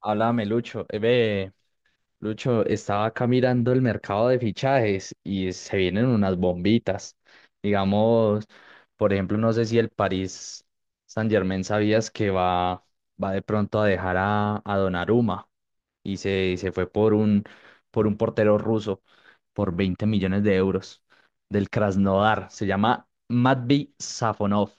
Háblame, Lucho. Lucho, estaba acá mirando el mercado de fichajes y se vienen unas bombitas. Digamos, por ejemplo, no sé si el París Saint-Germain sabías que va de pronto a dejar a Donnarumma y se fue por por un portero ruso por 20 millones de euros del Krasnodar. Se llama Matvey Safonov.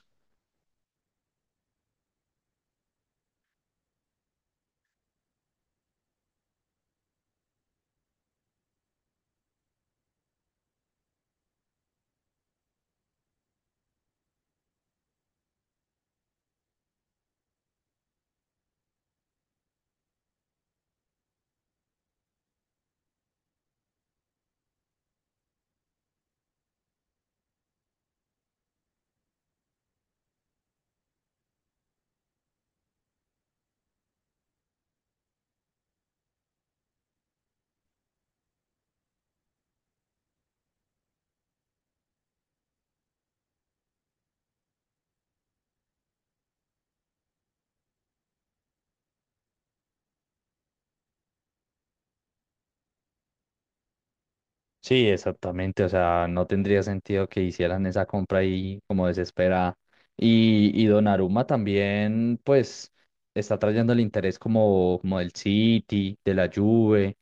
Sí, exactamente. O sea, no tendría sentido que hicieran esa compra ahí como desesperada. Y Donnarumma también, pues, está trayendo el interés como, como del City, de la Juve,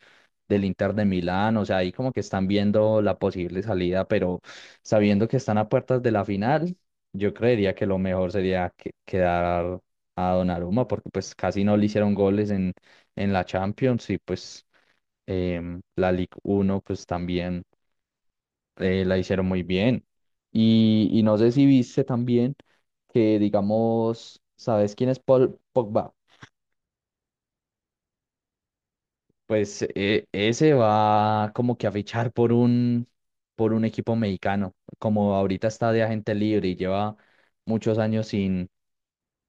del Inter de Milán. O sea, ahí como que están viendo la posible salida, pero sabiendo que están a puertas de la final, yo creería que lo mejor sería quedar a Donnarumma, porque pues casi no le hicieron goles en la Champions y pues la Ligue uno pues también la hicieron muy bien. Y no sé si viste también que, digamos, ¿sabes quién es Paul Pogba? Pues ese va como que a fichar por por un equipo mexicano. Como ahorita está de agente libre y lleva muchos años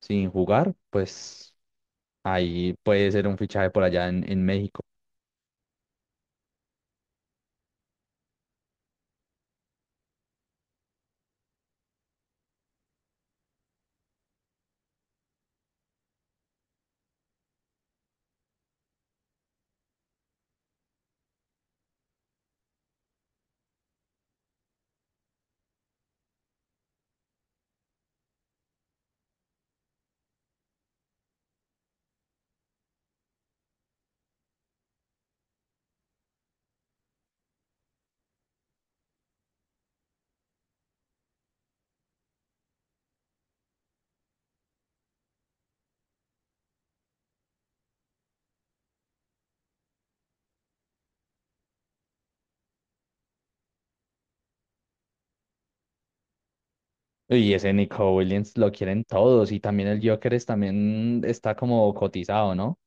sin jugar, pues ahí puede ser un fichaje por allá en México. Y ese Nico Williams lo quieren todos y también el Joker también está como cotizado, ¿no?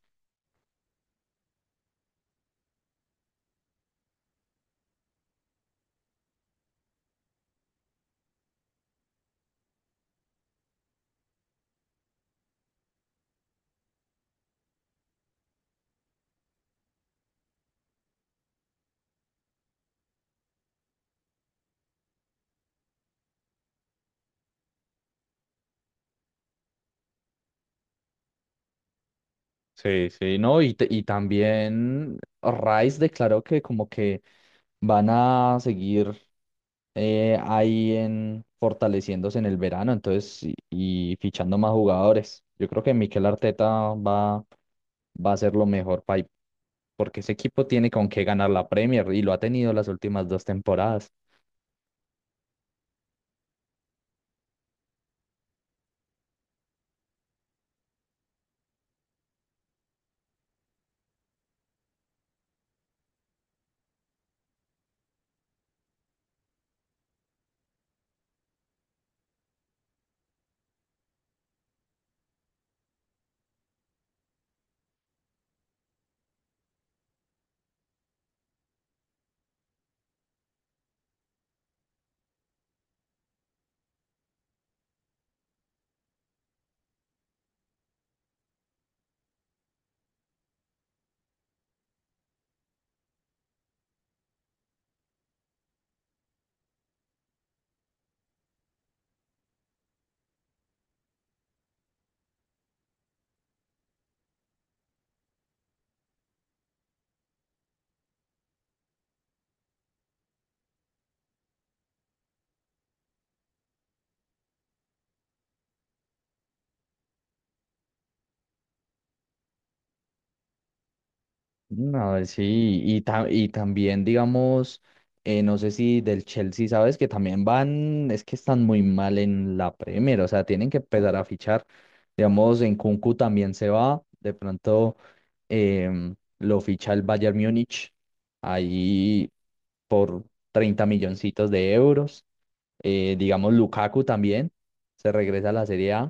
Sí, sí, no, y también Rice declaró que como que van a seguir ahí en fortaleciéndose en el verano, entonces, y fichando más jugadores. Yo creo que Mikel Arteta va, va a hacer lo mejor porque ese equipo tiene con qué ganar la Premier y lo ha tenido las últimas dos temporadas. No, sí, y también, digamos, no sé si del Chelsea, sabes que también van, es que están muy mal en la Premier, o sea, tienen que empezar a fichar, digamos, en Kunku también se va, de pronto lo ficha el Bayern Múnich, ahí por 30 milloncitos de euros, digamos, Lukaku también, se regresa a la Serie A,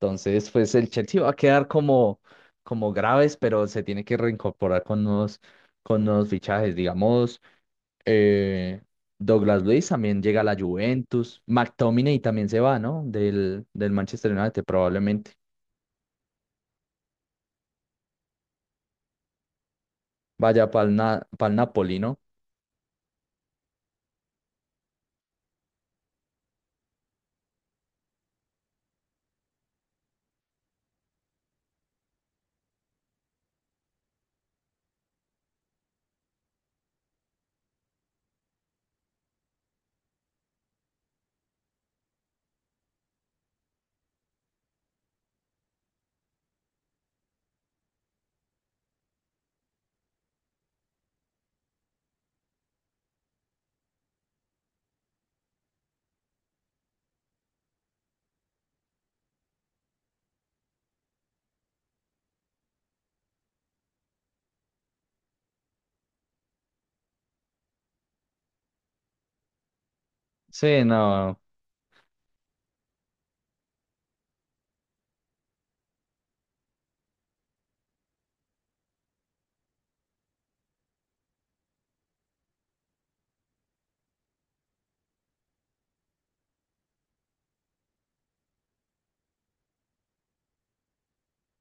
entonces, pues el Chelsea va a quedar como, como graves, pero se tiene que reincorporar con nuevos fichajes. Digamos, eh, Douglas Luiz también llega a la Juventus. McTominay también se va, ¿no? Del Manchester United probablemente. Vaya para el Napoli, ¿no? Sí, no.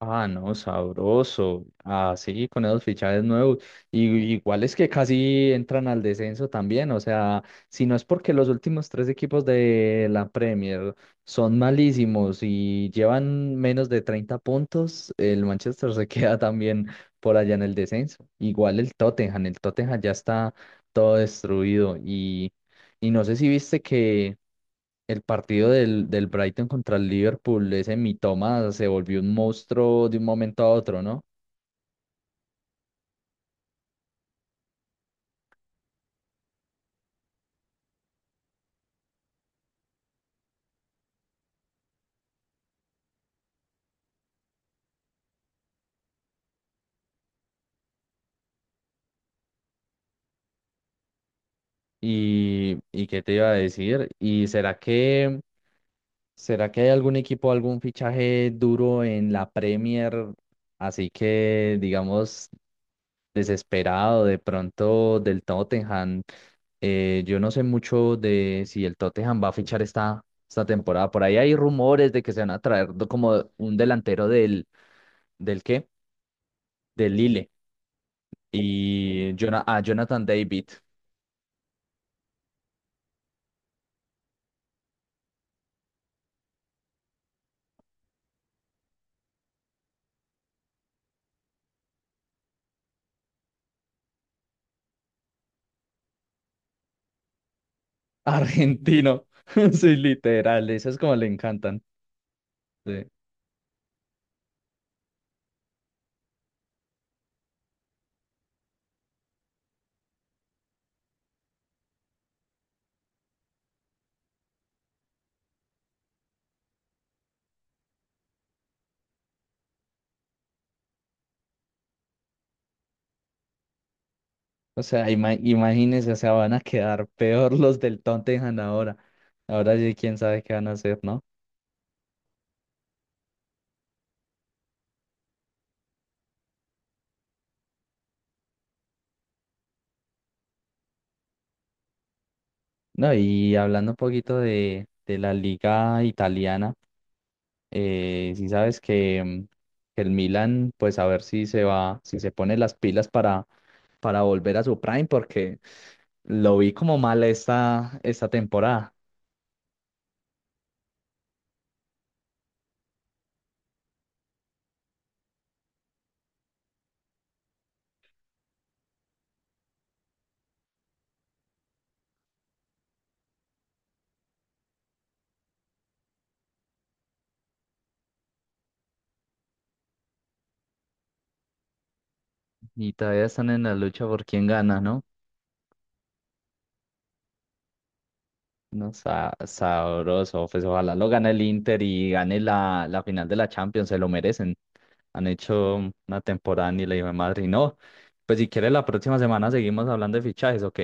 Ah, no, sabroso. Ah, sí, con esos fichajes nuevos. Y iguales que casi entran al descenso también. O sea, si no es porque los últimos tres equipos de la Premier son malísimos y llevan menos de 30 puntos, el Manchester se queda también por allá en el descenso. Igual el Tottenham ya está todo destruido. Y no sé si viste que el partido del Brighton contra el Liverpool, ese Mitoma se volvió un monstruo de un momento a otro, ¿no? ¿Y qué te iba a decir? ¿Y será que hay algún equipo, algún fichaje duro en la Premier, así que, digamos, desesperado de pronto del Tottenham? Yo no sé mucho de si el Tottenham va a fichar esta, esta temporada. Por ahí hay rumores de que se van a traer como un delantero del, ¿del qué? Del Lille y a Jonathan David, argentino. Sí, literal, esas como le encantan. Sí. O sea, imagínense, o sea, van a quedar peor los del Tottenham ahora. Ahora sí, quién sabe qué van a hacer, ¿no? No, y hablando un poquito de la liga italiana, sí sabes que, que el Milan, pues a ver si se va, si se pone las pilas para volver a su prime, porque lo vi como mal esta, esta temporada. Y todavía están en la lucha por quién gana, ¿no? No, sabroso. Pues ojalá lo gane el Inter y gane la, la final de la Champions, se lo merecen. Han hecho una temporada ni la hijo de madre. Y no, pues si quiere la próxima semana seguimos hablando de fichajes, ¿ok?